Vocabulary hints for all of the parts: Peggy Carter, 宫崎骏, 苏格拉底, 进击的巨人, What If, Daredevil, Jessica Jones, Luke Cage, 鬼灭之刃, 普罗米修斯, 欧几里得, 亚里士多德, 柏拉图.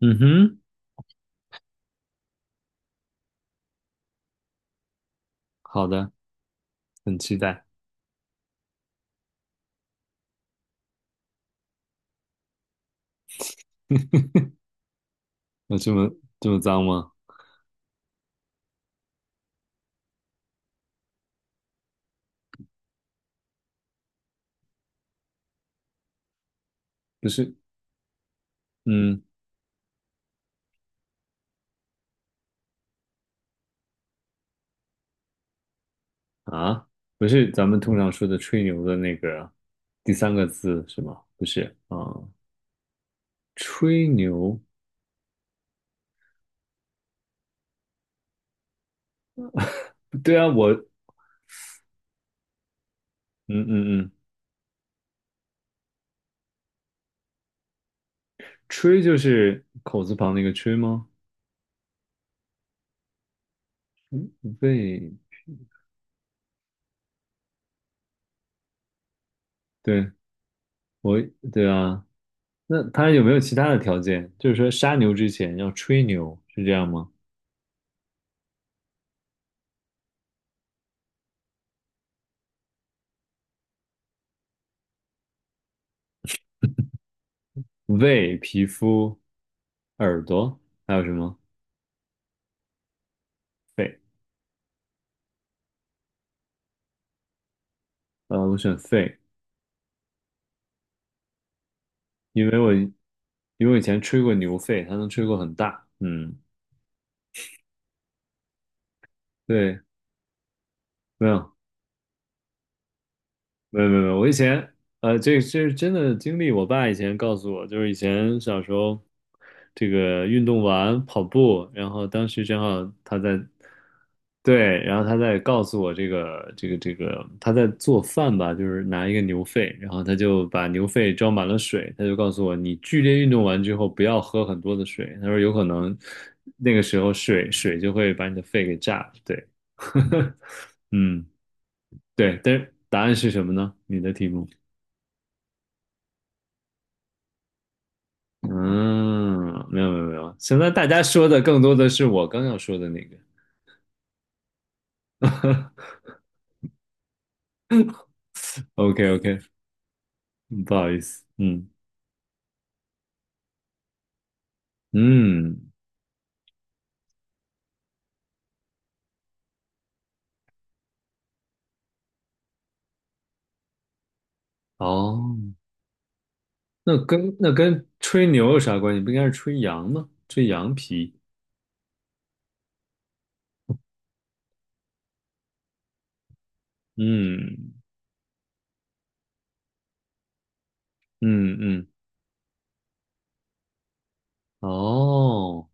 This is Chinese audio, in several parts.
嗯哼，好的，很期待。有这么脏吗？不是，嗯啊，不是咱们通常说的吹牛的那个第三个字是吗？不是啊，吹牛。对啊，嗯嗯嗯。吹就是口字旁那个吹吗？嗯，对对，我对啊。那他有没有其他的条件？就是说杀牛之前要吹牛，是这样吗？胃、皮肤、耳朵，还有什么？肺。我选肺，因为我因为我以前吹过牛肺，它能吹过很大。嗯，对，没有，没有没有，没有我以前呃，这是真的经历。我爸以前告诉我，就是以前小时候这个运动完跑步，然后当时正好，对，然后他在告诉我这个他在做饭吧，就是拿一个牛肺，然后他就把牛肺装满了水，他就告诉我，你剧烈运动完之后不要喝很多的水，他说有可能那个时候水就会把你的肺给炸了。对，嗯，对，但是答案是什么呢？你的题目。嗯，没有没有没有，现在大家说的更多的是我刚要说的那个。OK OK，不好意思。嗯嗯，哦，那跟吹牛有啥关系？不应该是吹羊吗？吹羊皮。嗯嗯嗯，哦，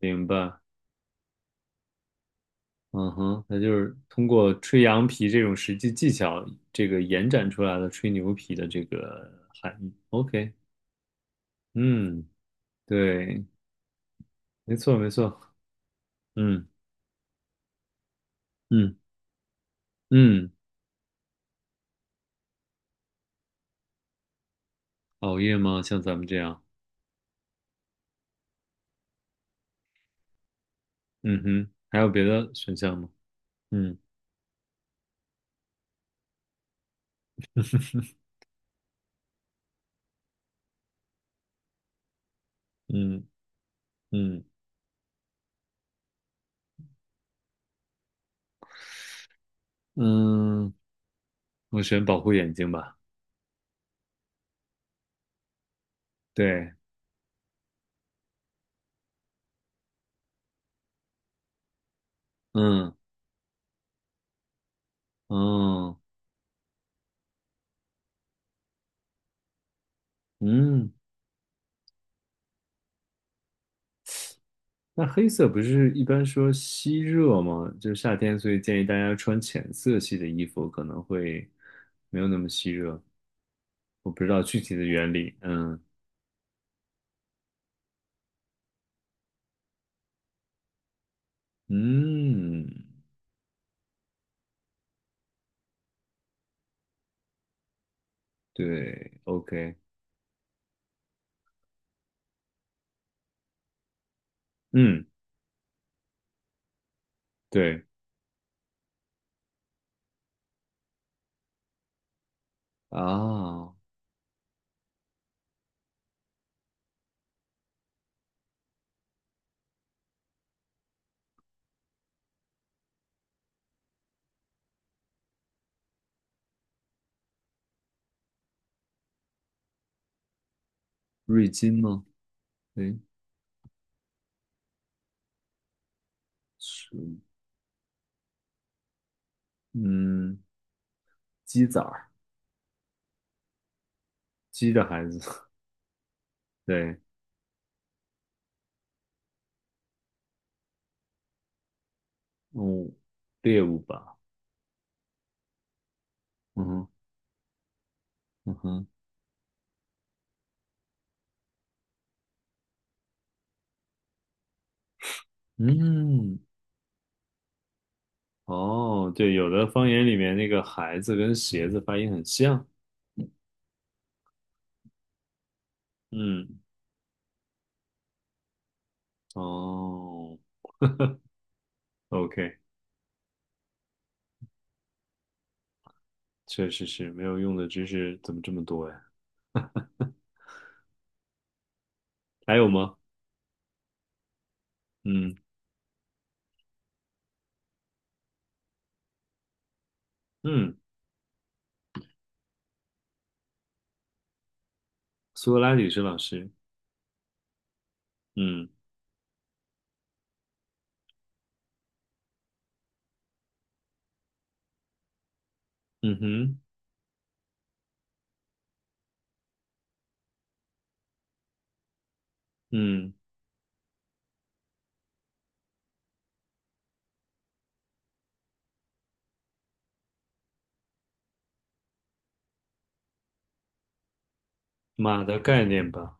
明白。嗯哼，那就是通过吹羊皮这种实际技巧，这个延展出来的吹牛皮的这个含义。OK，嗯，对，没错没错。嗯。嗯嗯，熬夜吗？像咱们这样。嗯哼，还有别的选项吗？嗯嗯嗯嗯，我选保护眼睛吧。对。嗯嗯嗯，那黑色不是一般说吸热吗？就是夏天，所以建议大家穿浅色系的衣服，可能会没有那么吸热。我不知道具体的原理。嗯嗯，对，OK。嗯，对啊，瑞金吗？诶是。嗯，鸡崽儿，鸡的孩子。对。嗯，猎物吧。嗯哼。嗯哼。嗯，哦，对，有的方言里面那个孩子跟鞋子发音很像。嗯，哦，OK。确实是没有用的知识怎么这么多呀？还有吗？嗯嗯，苏格拉底是老师。嗯嗯哼。嗯，马的概念吧。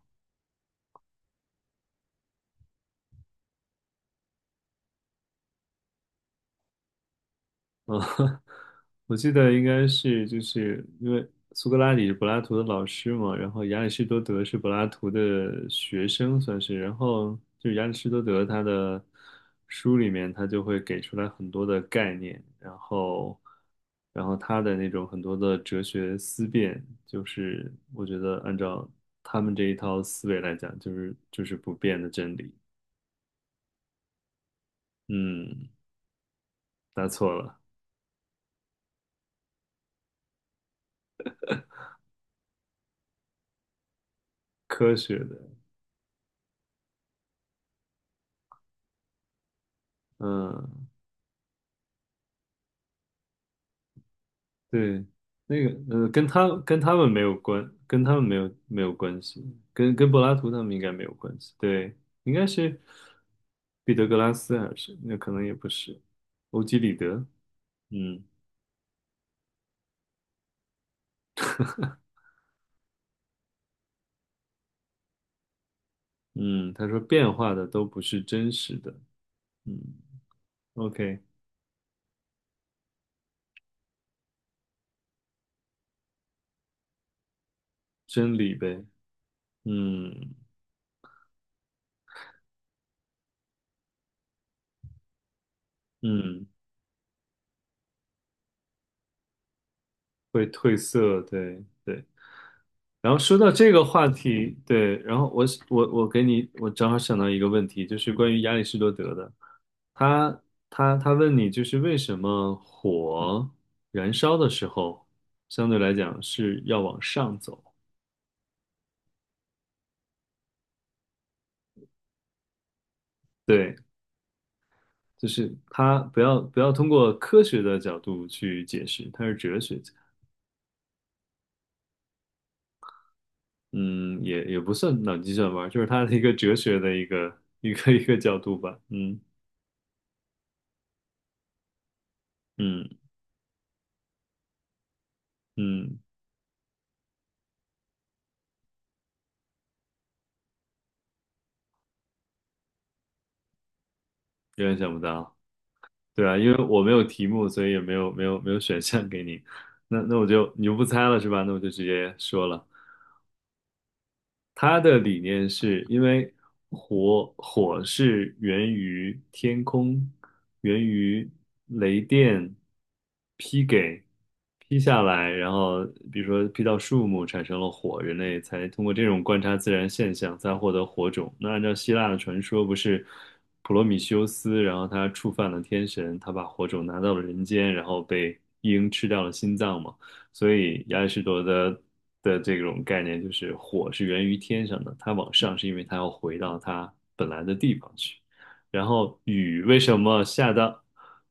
啊，我记得应该是就是因为苏格拉底是柏拉图的老师嘛，然后亚里士多德是柏拉图的学生算是，然后就亚里士多德他的书里面他就会给出来很多的概念，然后他的那种很多的哲学思辨，就是我觉得按照他们这一套思维来讲，就是不变的真理。嗯，答错了，科学的。嗯。对，跟他们没有关，跟他们没有关系，跟柏拉图他们应该没有关系。对，应该是彼得格拉斯还是那可能也不是，欧几里得。嗯嗯，他说变化的都不是真实的。嗯，OK，真理呗。嗯嗯，会褪色。对对。然后说到这个话题，对，然后我给你，我正好想到一个问题，就是关于亚里士多德的，他他问你，就是为什么火燃烧的时候，相对来讲是要往上走。对，就是他不要通过科学的角度去解释，他是哲学家。嗯，也不算脑筋急转弯，就是他的一个哲学的一个角度吧。嗯嗯嗯，有点想不到。对啊，因为我没有题目，所以也没有选项给你。那我就你就不猜了是吧？那我就直接说了。它的理念是因为火是源于天空，源于雷电劈给劈下来，然后比如说劈到树木产生了火，人类才通过这种观察自然现象才获得火种。那按照希腊的传说，不是普罗米修斯，然后他触犯了天神，他把火种拿到了人间，然后被鹰吃掉了心脏吗？所以亚里士多德的这种概念就是火是源于天上的，它往上是因为它要回到它本来的地方去。然后雨为什么下到，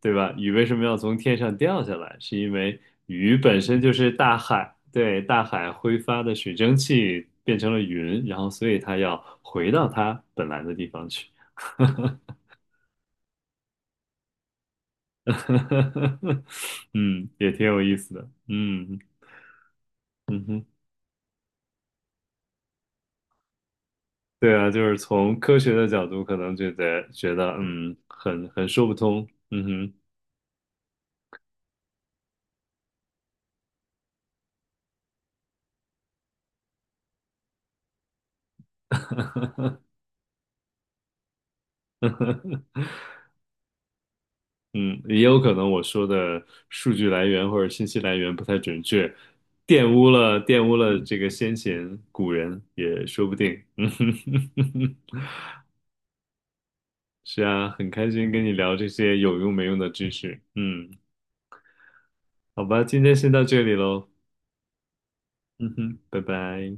对吧？雨为什么要从天上掉下来？是因为雨本身就是大海，对，大海挥发的水蒸气变成了云，然后所以它要回到它本来的地方去。嗯，也挺有意思的。嗯嗯哼。对啊，就是从科学的角度，可能觉得很说不通。嗯哼，嗯，也有可能我说的数据来源或者信息来源不太准确，玷污了这个先贤古人也说不定。嗯哼，是啊，很开心跟你聊这些有用没用的知识。嗯，好吧，今天先到这里喽。嗯哼，拜拜。